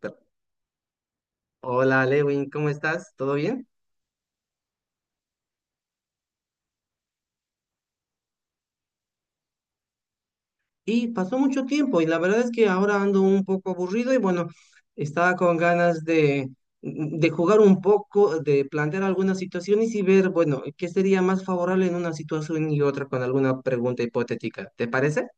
Pe- Hola Lewin, ¿cómo estás? ¿Todo bien? Y pasó mucho tiempo y la verdad es que ahora ando un poco aburrido y bueno, estaba con ganas de jugar un poco, de plantear algunas situaciones y ver, bueno, qué sería más favorable en una situación y otra con alguna pregunta hipotética. ¿Te parece?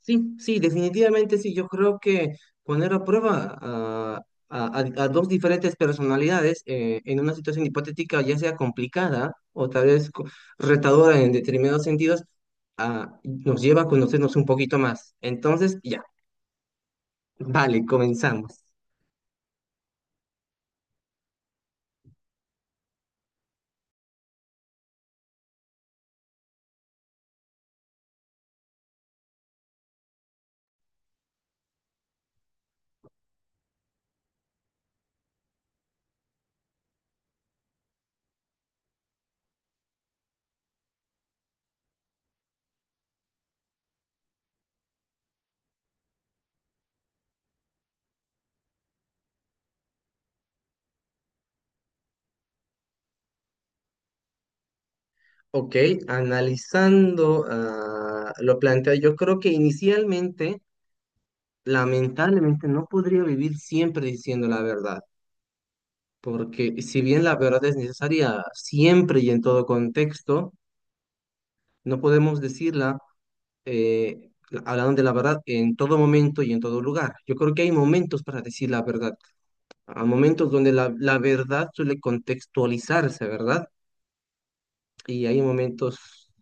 Sí, sí, definitivamente sí. Yo creo que poner a prueba a dos diferentes personalidades en una situación hipotética, ya sea complicada o tal vez retadora en determinados sentidos, nos lleva a conocernos un poquito más. Entonces, ya, vale, comenzamos. Ok, analizando lo planteado, yo creo que inicialmente, lamentablemente, no podría vivir siempre diciendo la verdad, porque si bien la verdad es necesaria siempre y en todo contexto, no podemos decirla, hablando de la verdad, en todo momento y en todo lugar. Yo creo que hay momentos para decir la verdad, a momentos donde la verdad suele contextualizarse, ¿verdad? Y hay momentos,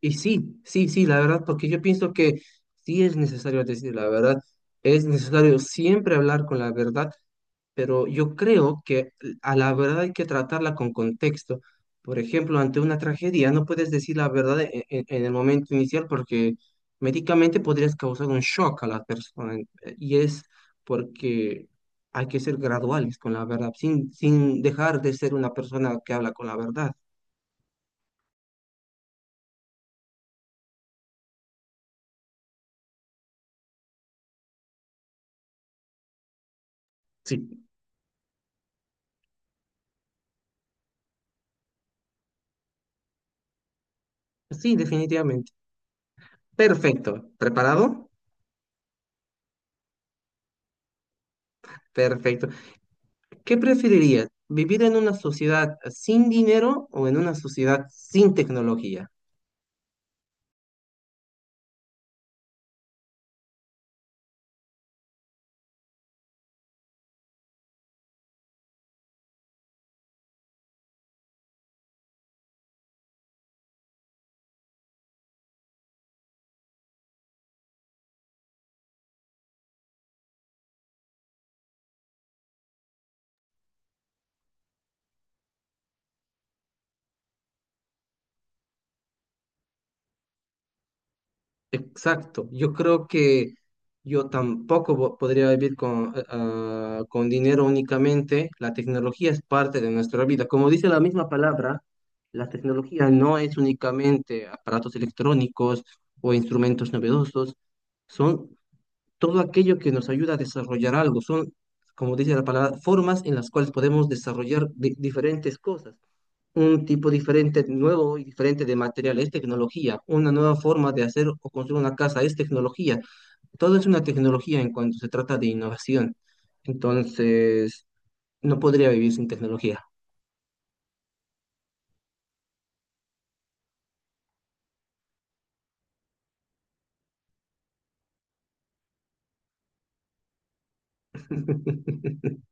y sí, sí, sí, la verdad, porque yo pienso que sí es necesario decir la verdad, es necesario siempre hablar con la verdad, pero yo creo que a la verdad hay que tratarla con contexto. Por ejemplo, ante una tragedia no puedes decir la verdad en el momento inicial, porque médicamente podrías causar un shock a la persona, y es porque hay que ser graduales con la verdad, sin dejar de ser una persona que habla con la verdad. Sí. Sí, definitivamente. Perfecto. ¿Preparado? Perfecto. ¿Qué preferirías? ¿Vivir en una sociedad sin dinero o en una sociedad sin tecnología? Exacto, yo creo que yo tampoco podría vivir con, con dinero únicamente. La tecnología es parte de nuestra vida. Como dice la misma palabra, la tecnología no es únicamente aparatos electrónicos o instrumentos novedosos, son todo aquello que nos ayuda a desarrollar algo. Son, como dice la palabra, formas en las cuales podemos desarrollar diferentes cosas, un tipo diferente, nuevo y diferente de material, es tecnología. Una nueva forma de hacer o construir una casa es tecnología. Todo es una tecnología en cuanto se trata de innovación. Entonces, no podría vivir sin tecnología.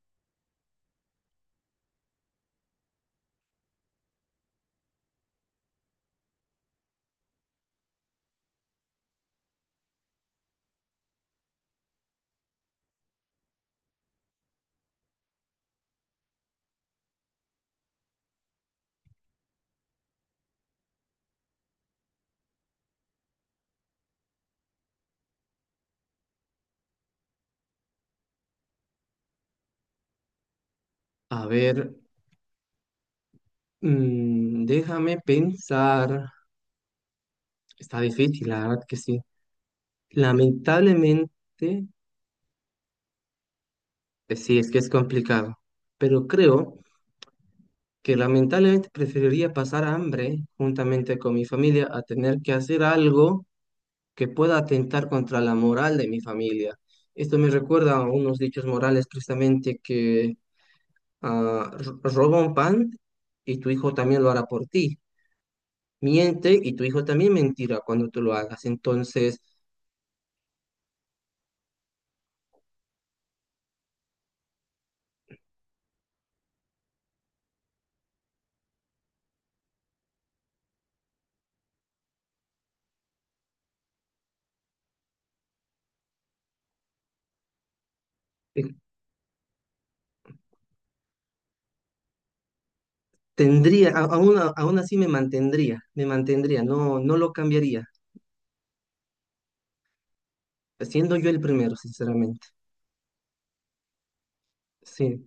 A ver, déjame pensar. Está difícil, la verdad que sí. Lamentablemente, sí, es que es complicado. Pero creo que lamentablemente preferiría pasar hambre juntamente con mi familia a tener que hacer algo que pueda atentar contra la moral de mi familia. Esto me recuerda a unos dichos morales precisamente que roba un pan y tu hijo también lo hará por ti. Miente y tu hijo también mentirá cuando tú lo hagas. Entonces, eh, tendría, aún así me mantendría, no, no lo cambiaría, siendo yo el primero, sinceramente. Sí.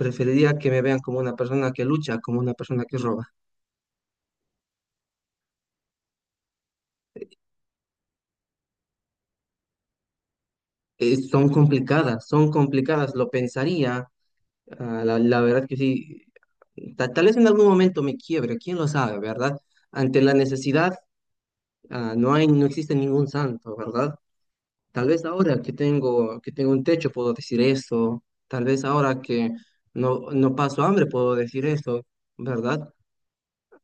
Preferiría que me vean como una persona que lucha, como una persona que roba. Son complicadas, lo pensaría. La, la verdad que sí, tal vez en algún momento me quiebre, quién lo sabe, ¿verdad? Ante la necesidad, no hay, no existe ningún santo, ¿verdad? Tal vez ahora que tengo un techo puedo decir eso, tal vez ahora que no, no paso hambre puedo decir eso, ¿verdad?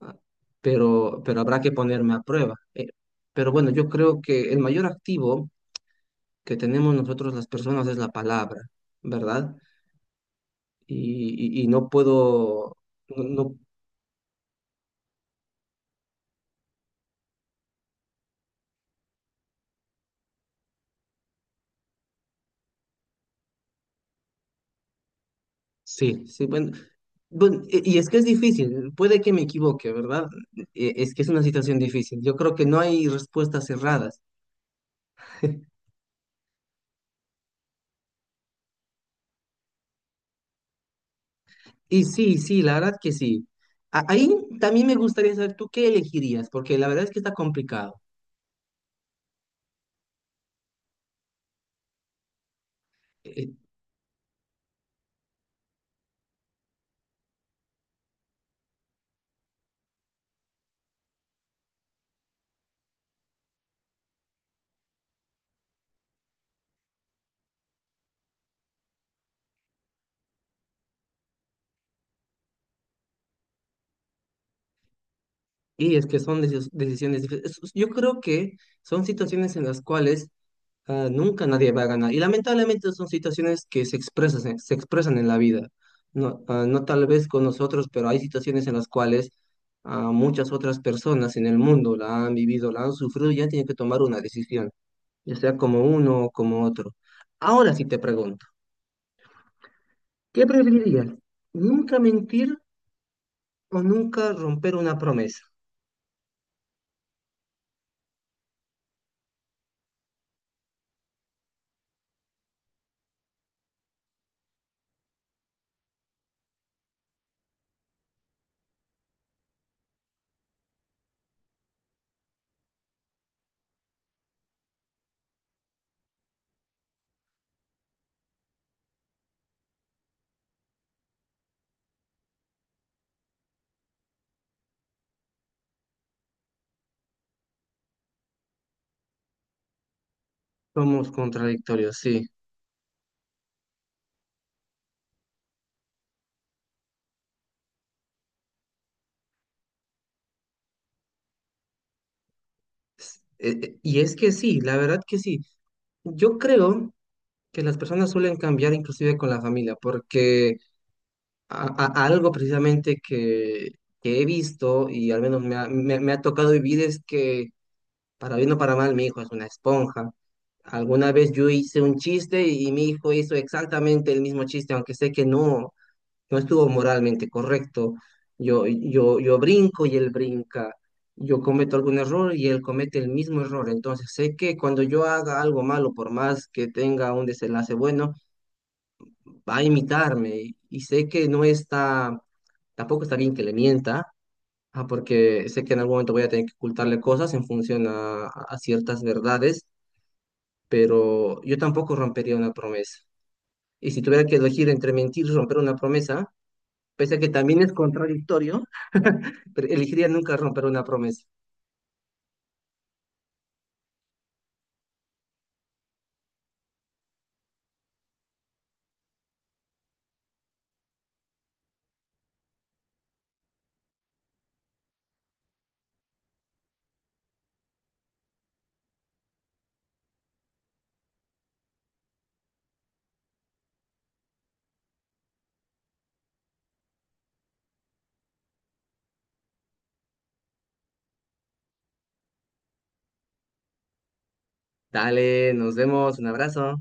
Ah, pero habrá que ponerme a prueba. Pero bueno, yo creo que el mayor activo que tenemos nosotros las personas es la palabra, ¿verdad? Y, y no puedo, no, sí, sí, bueno, bueno, y es que es difícil, puede que me equivoque, ¿verdad? Es que es una situación difícil, yo creo que no hay respuestas cerradas. Y sí, sí, la verdad que sí. Ahí también me gustaría saber tú qué elegirías, porque la verdad es que está complicado. Eh, Y es que son decisiones difíciles. Yo creo que son situaciones en las cuales nunca nadie va a ganar. Y lamentablemente son situaciones que se expresan, se expresan en la vida. No, no tal vez con nosotros, pero hay situaciones en las cuales muchas otras personas en el mundo la han vivido, la han sufrido y ya tienen que tomar una decisión, ya sea como uno o como otro. Ahora sí te pregunto, ¿qué preferirías? ¿Nunca mentir o nunca romper una promesa? Somos contradictorios, sí. Y es que sí, la verdad que sí. Yo creo que las personas suelen cambiar inclusive con la familia, porque algo precisamente que he visto y al menos me ha, me ha tocado vivir es que, para bien o para mal, mi hijo es una esponja. Alguna vez yo hice un chiste y, mi hijo hizo exactamente el mismo chiste, aunque sé que no, no estuvo moralmente correcto. Yo brinco y él brinca. Yo cometo algún error y él comete el mismo error. Entonces sé que cuando yo haga algo malo, por más que tenga un desenlace bueno, va a imitarme y, sé que no está, tampoco está bien que le mienta, porque sé que en algún momento voy a tener que ocultarle cosas en función a ciertas verdades, pero yo tampoco rompería una promesa. Y si tuviera que elegir entre mentir y romper una promesa, pese a que también es contradictorio, pero elegiría nunca romper una promesa. Dale, nos vemos, un abrazo.